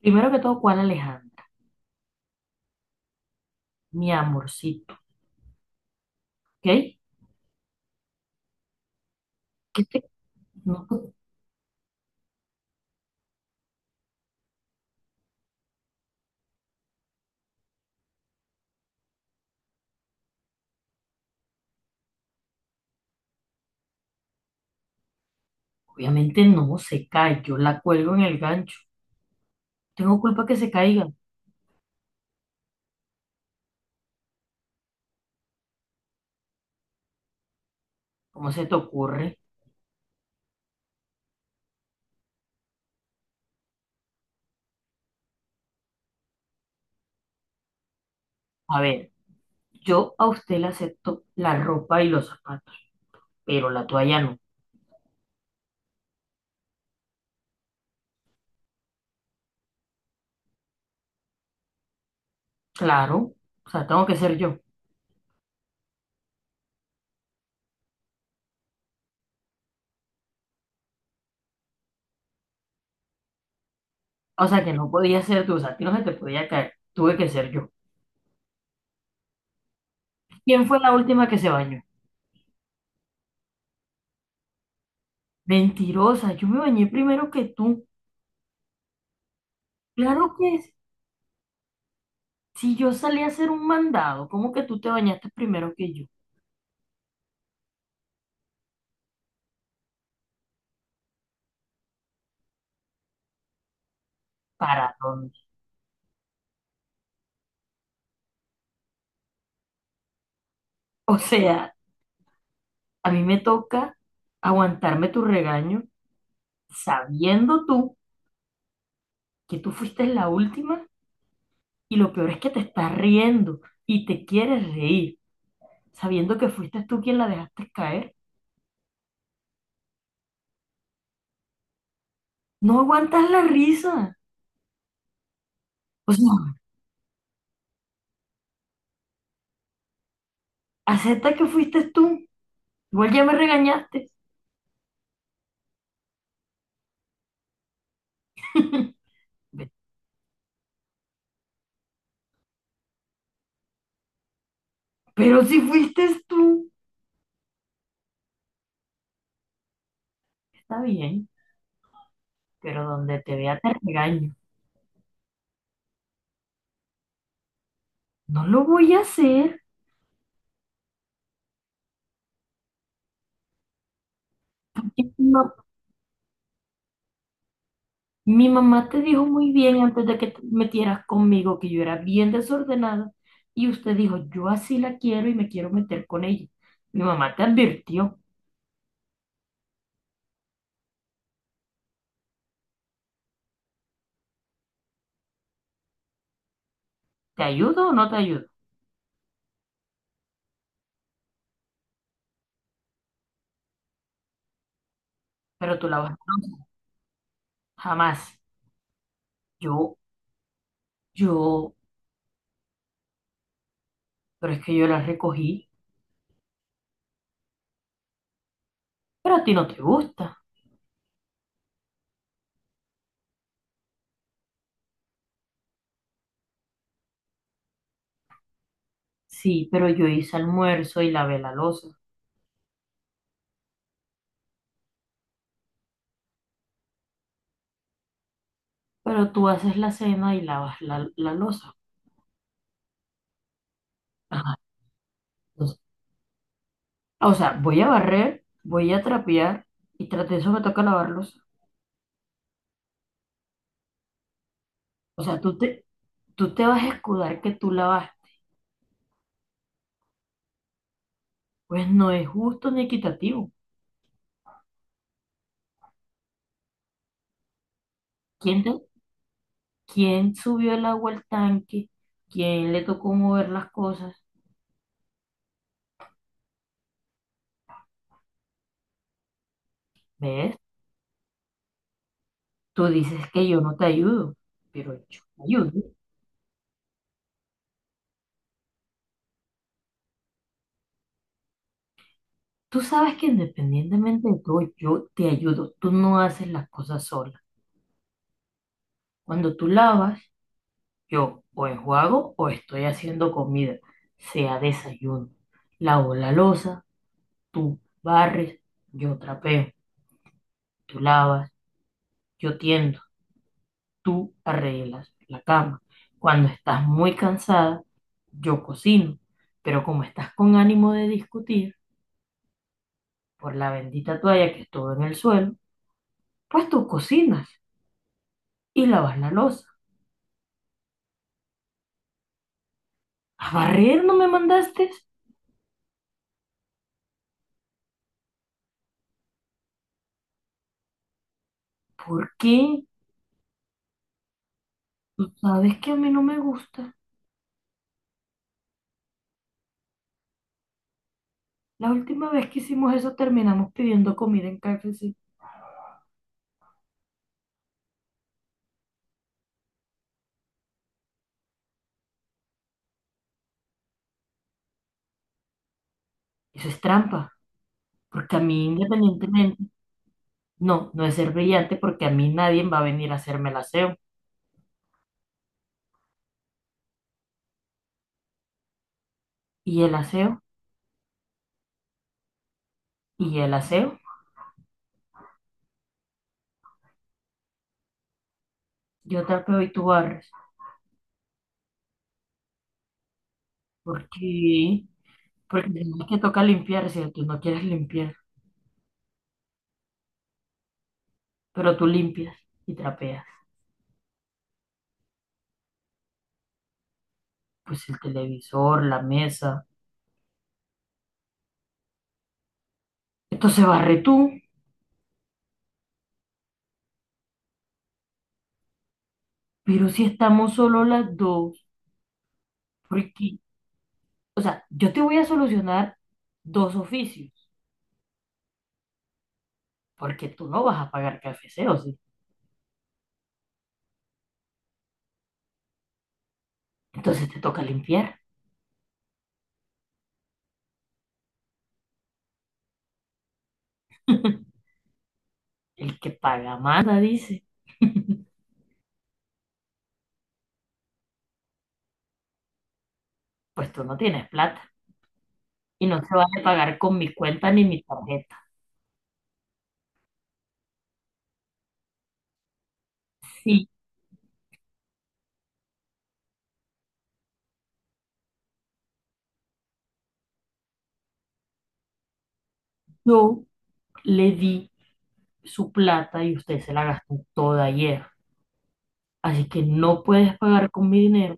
Primero que todo, ¿cuál Alejandra? Mi amorcito, ¿ok? ¿Qué te- no, obviamente no se cae, yo la cuelgo en el gancho. Tengo culpa que se caiga. ¿Cómo se te ocurre? A ver, yo a usted le acepto la ropa y los zapatos, pero la toalla no. Claro, o sea, tengo que ser yo. O sea, que no podía ser tú, o sea, a ti no se te podía caer, tuve que ser yo. ¿Quién fue la última que se bañó? Mentirosa, yo me bañé primero que tú. Claro que sí, si yo salí a hacer un mandado, ¿cómo que tú te bañaste primero que yo? ¿Para dónde? O sea, a mí me toca aguantarme tu regaño sabiendo tú que tú fuiste la última y lo peor es que te estás riendo y te quieres reír, sabiendo que fuiste tú quien la dejaste caer. No aguantas la risa. O sea, acepta que fuiste tú. Igual ya me regañaste. Ve- Pero si fuiste tú, está bien, pero donde te vea te regaño. No lo voy a hacer. No. Mi mamá te dijo muy bien antes de que te metieras conmigo que yo era bien desordenada y usted dijo, yo así la quiero y me quiero meter con ella. Mi mamá te advirtió, ¿te ayudo o no te ayudo? Pero tú la vas, jamás. Yo, yo, pero es que yo la recogí, pero a ti no te gusta. Sí, pero yo hice almuerzo y lavé la loza. Pero tú haces la cena y lavas la loza. Ajá, entonces, o sea, voy a barrer, voy a trapear y tras de eso me toca lavar loza. O sea, tú te vas a escudar que tú la vas. Pues no es justo ni equitativo. ¿Quién, te- quién subió el agua al tanque? ¿Quién le tocó mover las cosas? ¿Ves? Tú dices que yo no te ayudo, pero yo te ayudo. Tú sabes que independientemente de todo, yo te ayudo. Tú no haces las cosas sola. Cuando tú lavas, yo o enjuago o estoy haciendo comida, sea desayuno. Lavo la loza, tú barres, yo trapeo, tú lavas, yo tiendo. Tú arreglas la cama. Cuando estás muy cansada, yo cocino, pero como estás con ánimo de discutir por la bendita toalla que estuvo en el suelo, pues tú cocinas y lavas la loza. ¿A barrer no me mandaste? ¿Por qué? Tú sabes que a mí no me gusta. La última vez que hicimos eso terminamos pidiendo comida en KFC. Eso es trampa, porque a mí independientemente, no, no es ser brillante porque a mí nadie va a venir a hacerme el aseo. ¿Y el aseo? ¿Y el aseo? Yo tapeo y tú barres. ¿Por qué? Porque además que toca limpiarse, tú no quieres limpiar, pero tú limpias y trapeas. Pues el televisor, la mesa. Entonces barre tú, pero si estamos solo las dos, porque, o sea, yo te voy a solucionar dos oficios, porque tú no vas a pagar café o sí. Entonces te toca limpiar. El que paga manda, dice. Pues tú no tienes plata y no se vale pagar con mi cuenta ni mi tarjeta. Si yo le di su plata y usted se la gastó toda ayer. Así que no puedes pagar con mi dinero.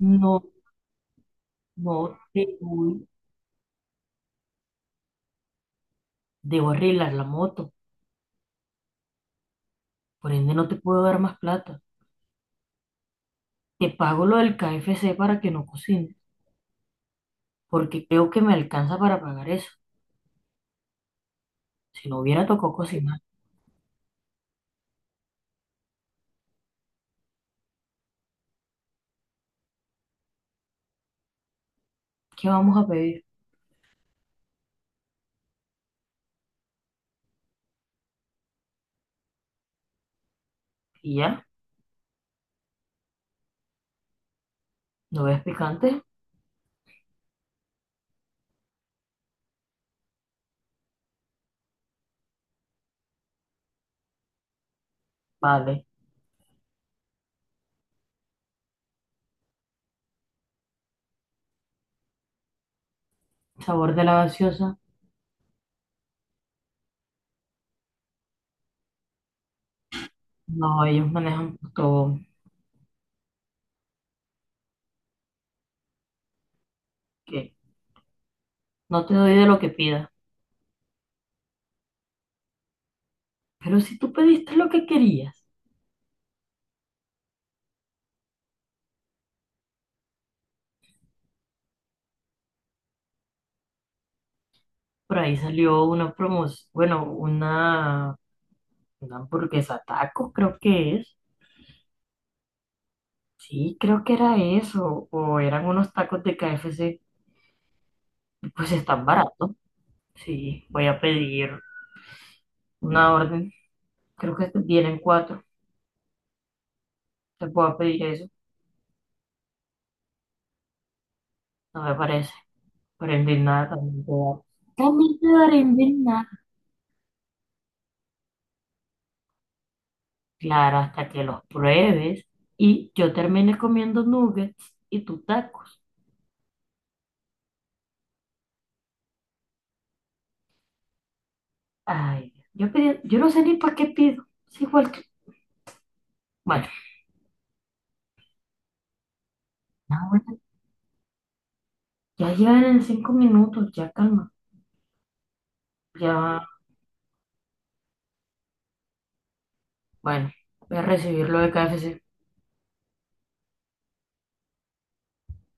No, no te voy- debo arreglar la moto. Por ende, no te puedo dar más plata. Te pago lo del KFC para que no cocines, porque creo que me alcanza para pagar eso. Si no hubiera tocado cocinar, ¿qué vamos a pedir? ¿Y ya? ¿No ves picante? Vale. ¿Sabor de la gaseosa? No, ellos manejan todo. ¿Qué? No te doy de lo que pidas. Pero si tú pediste lo que querías. Por ahí salió una promoción, bueno, una hamburguesa taco, creo que es. Sí, creo que era eso. O eran unos tacos de KFC. Pues están baratos. Sí, voy a pedir una orden. Creo que este, vienen cuatro. Te puedo pedir eso. No me parece. Pero en nada también te da. También te daré en nada. Claro, hasta que los pruebes y yo termine comiendo nuggets y tú tacos. Ay, yo pedí, yo no sé ni para qué pido. Es igual que. Bueno. Ah, bueno, ya llegan en 5 minutos, ya calma. Ya, bueno, voy a recibir lo de KFC.